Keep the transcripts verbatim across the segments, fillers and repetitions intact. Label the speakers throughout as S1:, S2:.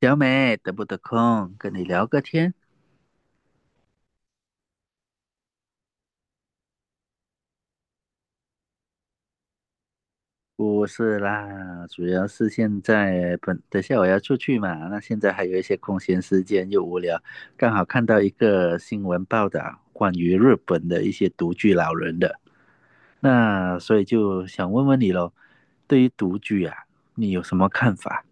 S1: 小美，得不得空跟你聊个天？不是啦，主要是现在本等下我要出去嘛，那现在还有一些空闲时间又无聊，刚好看到一个新闻报道关于日本的一些独居老人的，那所以就想问问你喽，对于独居啊，你有什么看法？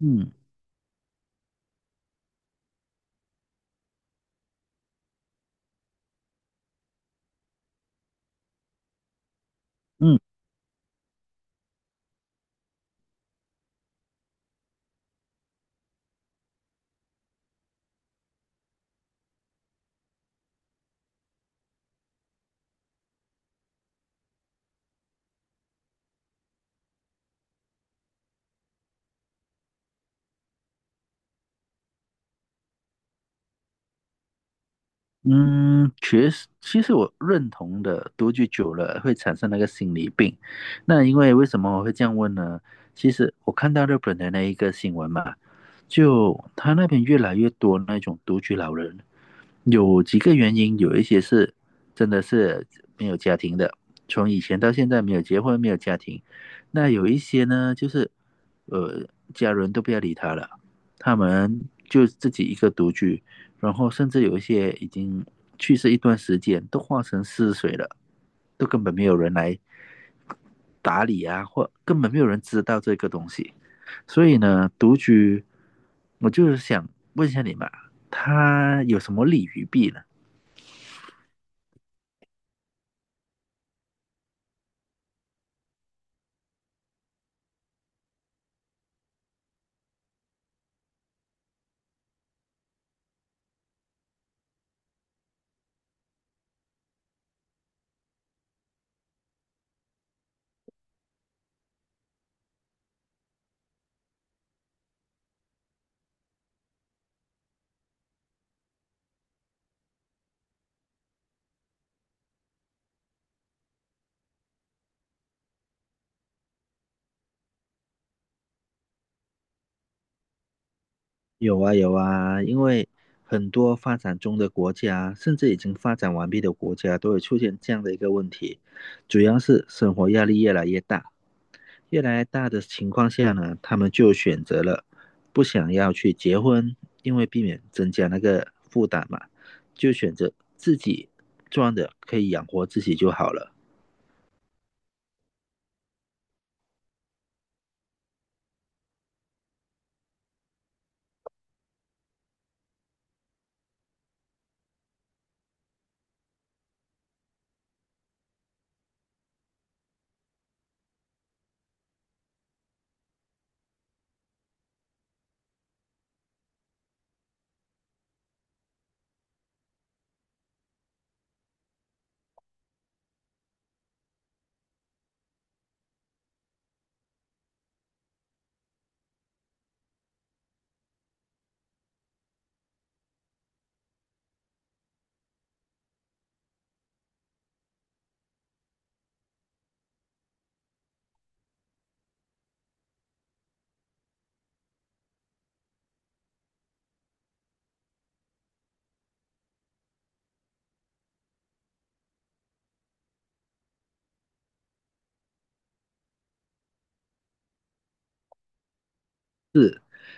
S1: 嗯嗯。嗯，确实，其实我认同的，独居久了会产生那个心理病。那因为为什么我会这样问呢？其实我看到日本的那一个新闻嘛，就他那边越来越多那种独居老人，有几个原因，有一些是真的是没有家庭的，从以前到现在没有结婚，没有家庭。那有一些呢，就是呃，家人都不要理他了，他们就自己一个独居，然后甚至有一些已经去世一段时间，都化成尸水了，都根本没有人来打理啊，或根本没有人知道这个东西。所以呢，独居，我就是想问一下你嘛，他有什么利与弊呢？有啊有啊，因为很多发展中的国家，甚至已经发展完毕的国家，都会出现这样的一个问题，主要是生活压力越来越大，越来越大的情况下呢，他们就选择了不想要去结婚，因为避免增加那个负担嘛，就选择自己赚的可以养活自己就好了。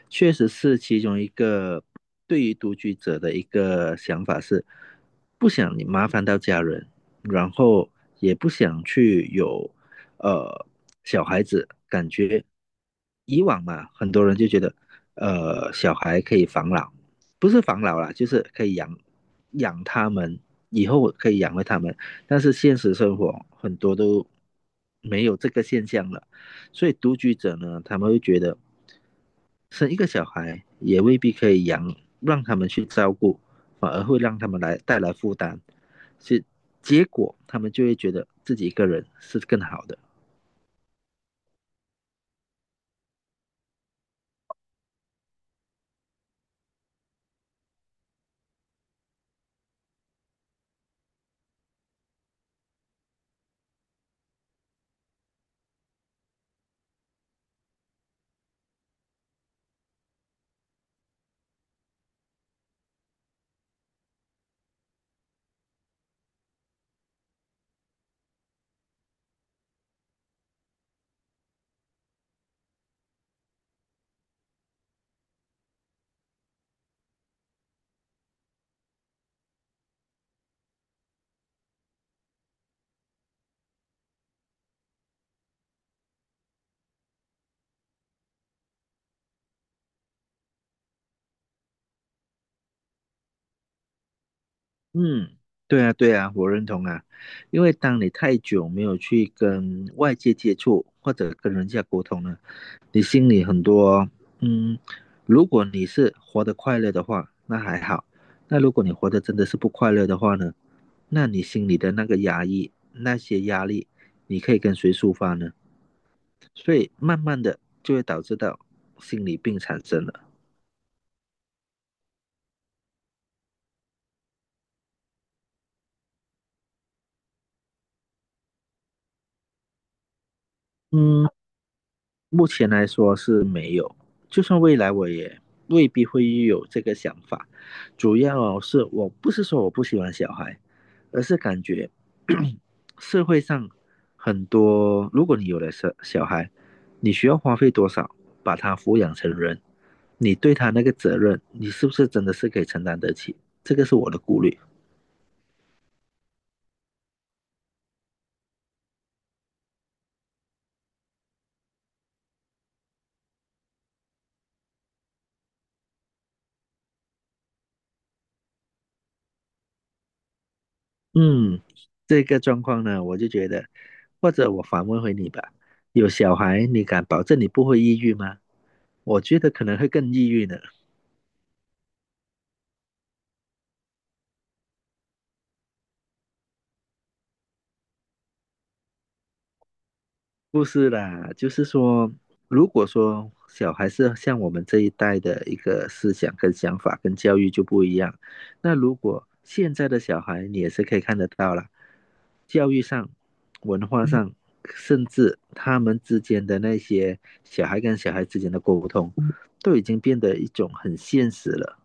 S1: 确实是其中一个对于独居者的一个想法是，不想你麻烦到家人，然后也不想去有呃小孩子，感觉以往嘛，很多人就觉得，呃，小孩可以防老，不是防老啦，就是可以养养他们，以后可以养活他们。但是现实生活很多都没有这个现象了，所以独居者呢，他们会觉得生一个小孩也未必可以养，让他们去照顾，反而会让他们来带来负担，是结果他们就会觉得自己一个人是更好的。嗯，对啊，对啊，我认同啊，因为当你太久没有去跟外界接触或者跟人家沟通呢，你心里很多，嗯，如果你是活得快乐的话，那还好；那如果你活得真的是不快乐的话呢，那你心里的那个压抑，那些压力，你可以跟谁抒发呢？所以慢慢的就会导致到心理病产生了。嗯，目前来说是没有，就算未来我也未必会有这个想法。主要是我不是说我不喜欢小孩，而是感觉 社会上很多，如果你有了小小孩，你需要花费多少把他抚养成人，你对他那个责任，你是不是真的是可以承担得起？这个是我的顾虑。嗯，这个状况呢，我就觉得，或者我反问回你吧，有小孩，你敢保证你不会抑郁吗？我觉得可能会更抑郁呢。不是啦，就是说，如果说小孩是像我们这一代的一个思想跟想法跟教育就不一样，那如果现在的小孩，你也是可以看得到啦，教育上、文化上，嗯甚至他们之间的那些小孩跟小孩之间的沟通，都已经变得一种很现实了。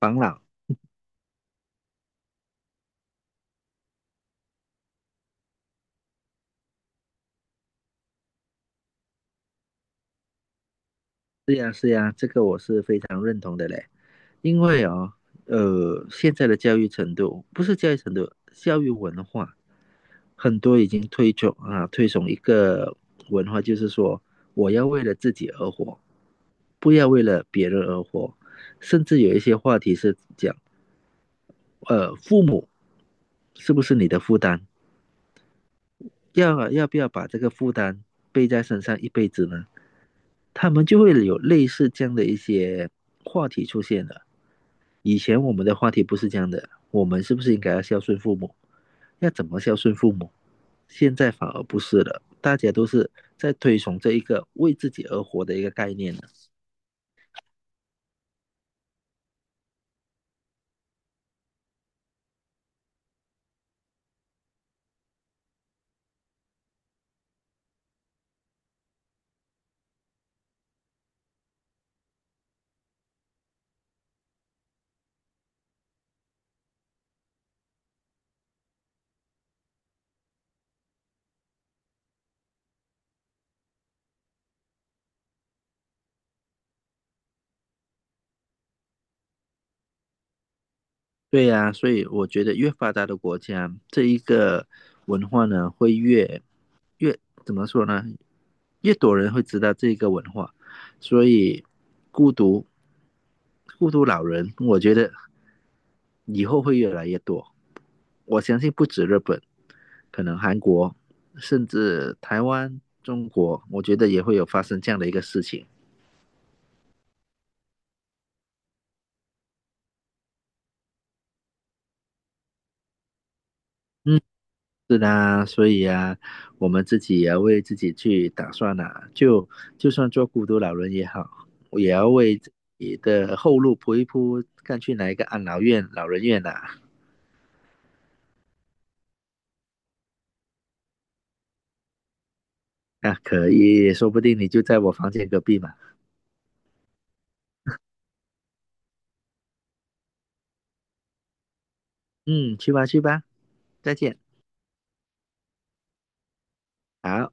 S1: 防老，是呀是呀，这个我是非常认同的嘞。因为啊，呃，现在的教育程度不是教育程度，教育文化很多已经推崇啊，推崇一个文化，就是说我要为了自己而活，不要为了别人而活，甚至有一些话题是讲，呃，父母是不是你的负担？要啊要不要把这个负担背在身上一辈子呢？他们就会有类似这样的一些话题出现了。以前我们的话题不是这样的，我们是不是应该要孝顺父母？要怎么孝顺父母？现在反而不是了，大家都是在推崇这一个为自己而活的一个概念呢。对呀、所以我觉得越发达的国家，这一个文化呢会越越怎么说呢？越多人会知道这个文化，所以孤独孤独老人，我觉得以后会越来越多。我相信不止日本，可能韩国，甚至台湾、中国，我觉得也会有发生这样的一个事情。嗯，是的，所以啊，我们自己也要为自己去打算呐、就就算做孤独老人也好，我也要为自己的后路铺一铺，看去哪一个安老院、老人院呐、啊。可以，说不定你就在我房间隔壁嘛。嗯，去吧去吧，再见。好。